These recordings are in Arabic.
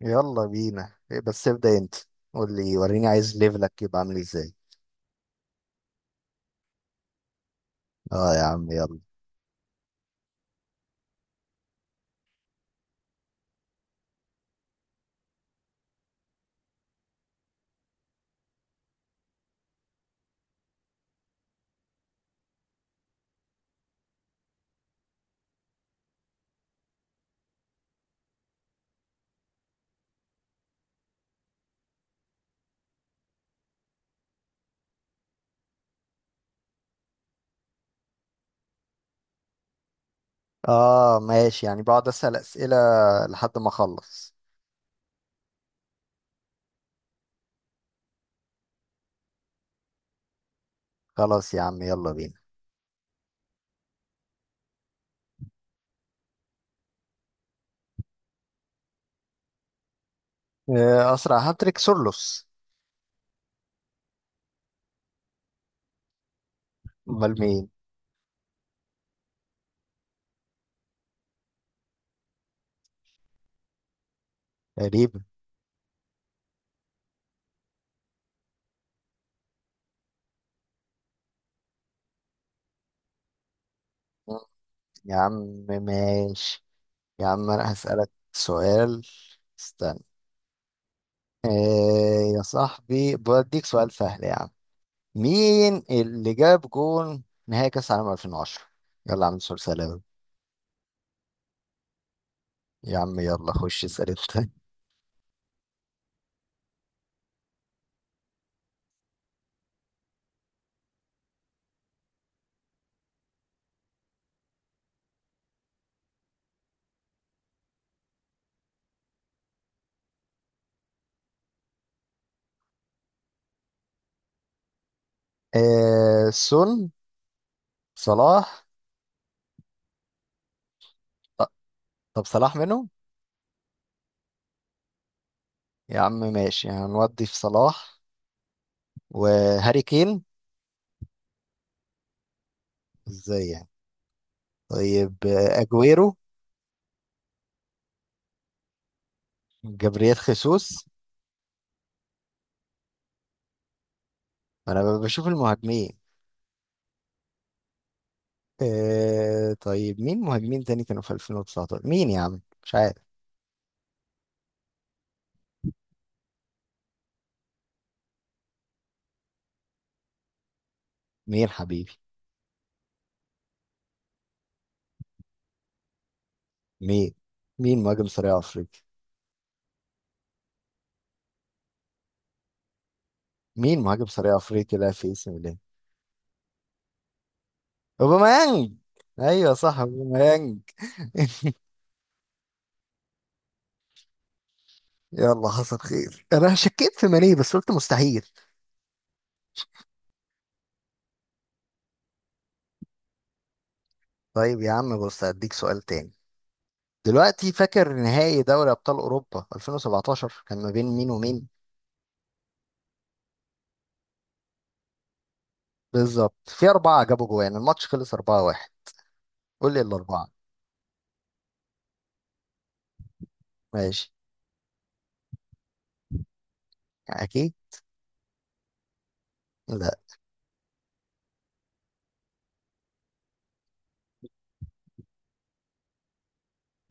يلا بينا، إيه بس؟ ابدأ انت. قول لي وريني، عايز ليفلك يبقى عامل ازاي. اه يا عم يلا. اه ماشي، يعني بقعد اسأل اسئلة لحد ما اخلص. خلاص يا عم، يلا بينا. اسرع هاتريك سورلوس. امال مين؟ تقريبا. مم. يا عم ماشي. يا عم انا هسألك سؤال، استنى. آه يا صاحبي بديك سؤال سهل يا عم. مين اللي جاب جون نهائي كأس العالم 2010؟ يلا يا عم سؤال سهل أوي. يا عم يلا خش اسأل انت. سون، صلاح. ط- طب صلاح منهم؟ يا عم ماشي، هنودي في صلاح وهاري كين. ازاي يعني؟ طيب، اجويرو. جابرييل خيسوس. انا بشوف المهاجمين. طيب مين مهاجمين تاني كانوا في 2019؟ مين يا عم مش عارف. مين حبيبي؟ مين مين مهاجم سريع افريقي؟ مين مهاجم سريع افريقي؟ لا في اسم الله. اوباميانج. ايوه صح اوباميانج. يلا حصل خير، انا شكيت في ماني بس قلت مستحيل. طيب يا عم بص، هديك سؤال تاني. دلوقتي فاكر نهائي دوري ابطال اوروبا 2017 كان ما بين مين ومين؟ بالظبط، في اربعه جابوا جوان، الماتش خلص 4-1. قول لي الاربعه. ماشي. اكيد. لا،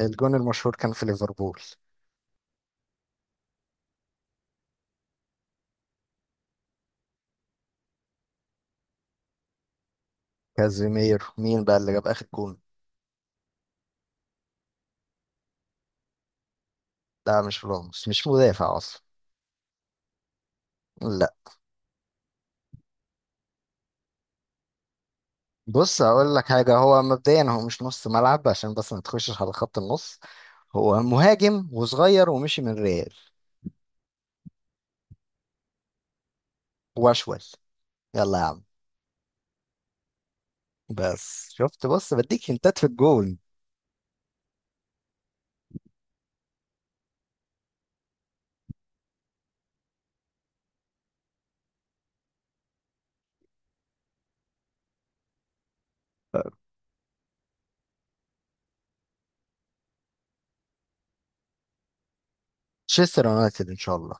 الجون المشهور كان في ليفربول. كازيمير. مين بقى اللي جاب اخر جون؟ لا مش راموس، مش مدافع اصلا. لا. بص اقول لك حاجه، هو مبدئيا هو مش نص ملعب عشان بس ما تخشش على خط النص. هو مهاجم وصغير ومشي من ريال. واشول. يلا يا عم. بس شفت؟ بص بديك هنتات في الجون. تشيستر يونايتد ان شاء الله.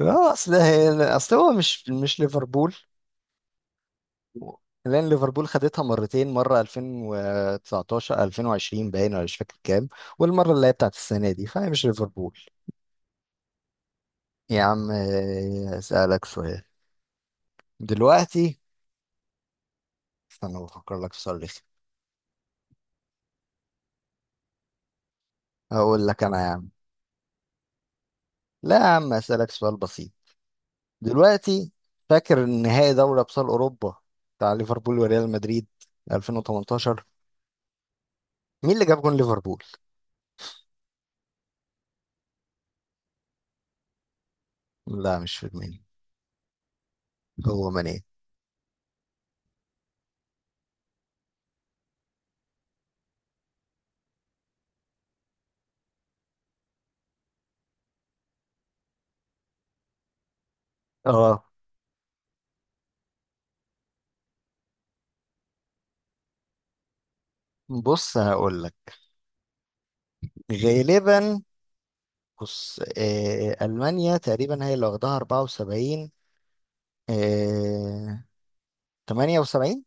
اه اصل هو مش ليفربول. لان ليفربول خدتها مرتين، مره 2019 2020 باين ولا مش فاكر كام. والمره اللي هي بتاعت السنه دي فهي مش ليفربول. يا عم، اسالك سؤال. دلوقتي استنى، بفكر لك في سؤال. هقول لك انا يا عم. لا يا عم اسالك سؤال بسيط. دلوقتي فاكر نهائي دوري ابطال اوروبا بتاع ليفربول وريال مدريد 2018؟ مين اللي جاب جون ليفربول؟ لا مش في دماغي. هو ماني. اه. بص هقول لك غالبا. بص المانيا تقريبا هي اللي واخدها 74. آه 78.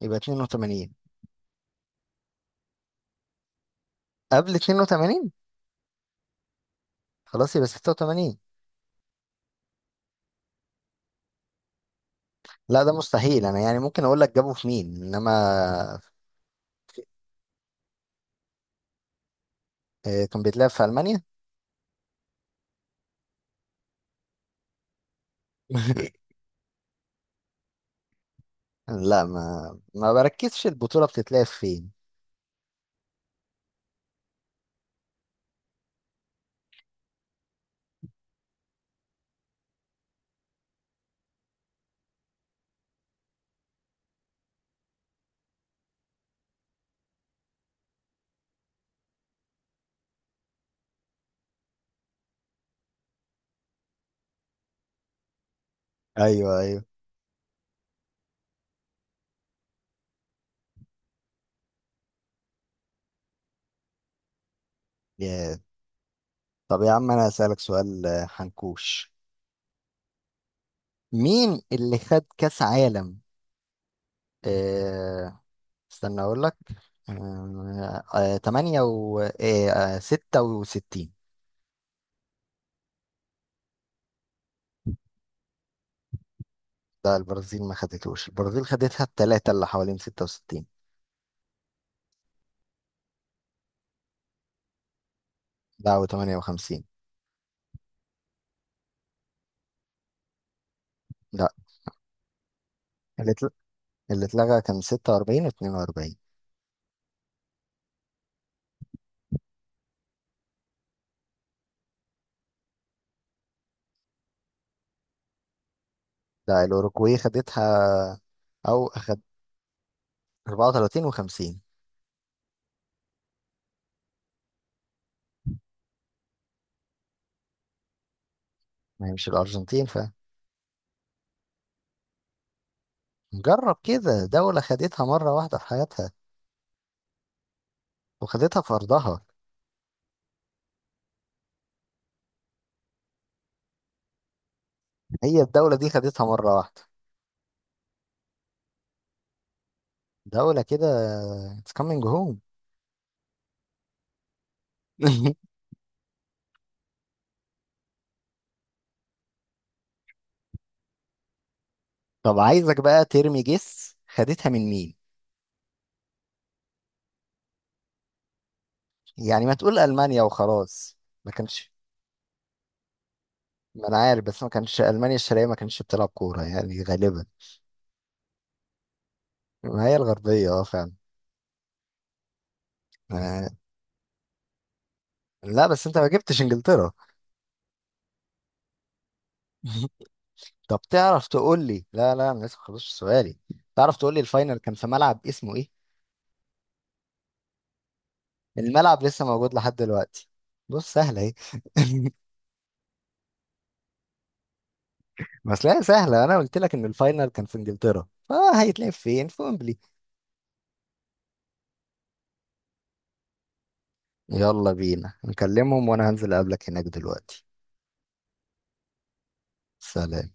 يبقى 82. قبل 82. خلاص يبقى 86. لا ده مستحيل، انا يعني ممكن اقول لك جابوا في مين انما. إيه، كان بيتلعب في ألمانيا. لا، ما بركزش البطولة بتتلعب فين. ايوه ايوه. يا. طب يا عم انا هسألك سؤال، حنكوش. مين اللي خد كأس عالم، آه، استنى اقول لك، 8 و 66؟ لا، البرازيل ما خدتوش. البرازيل خدتها الثلاثة اللي حوالين 66. لا، و 58. لا، اللي اتل- اللي اتلغى كان 46 و 42. لا، الأوروجواي خدتها. او 34 و50. ما هي مش الأرجنتين ف. جرب كده، دولة خدتها مرة واحدة في حياتها، وخدتها في أرضها. هي الدولة دي خدتها مرة واحدة. دولة كده. It's coming home. طب عايزك بقى ترمي جس، خدتها من مين؟ يعني ما تقول ألمانيا وخلاص. ما كانش. ما أنا عارف، بس ما كانش ألمانيا الشرقية ما كانتش بتلعب كورة يعني غالبا. ما هي الغربية اه فعلا. آه، لا بس انت ما جبتش انجلترا. طب تعرف تقول لي؟ لا لا، انا لسه ما خلصتش سؤالي. تعرف تقول لي الفاينل كان في ملعب اسمه ايه؟ الملعب لسه موجود لحد دلوقتي. بص سهله اهي. بس لا، سهله. انا قلت لك ان الفاينل كان في انجلترا، فهيتلعب فين؟ في ويمبلي. يلا بينا نكلمهم وانا هنزل اقابلك هناك دلوقتي. سلام.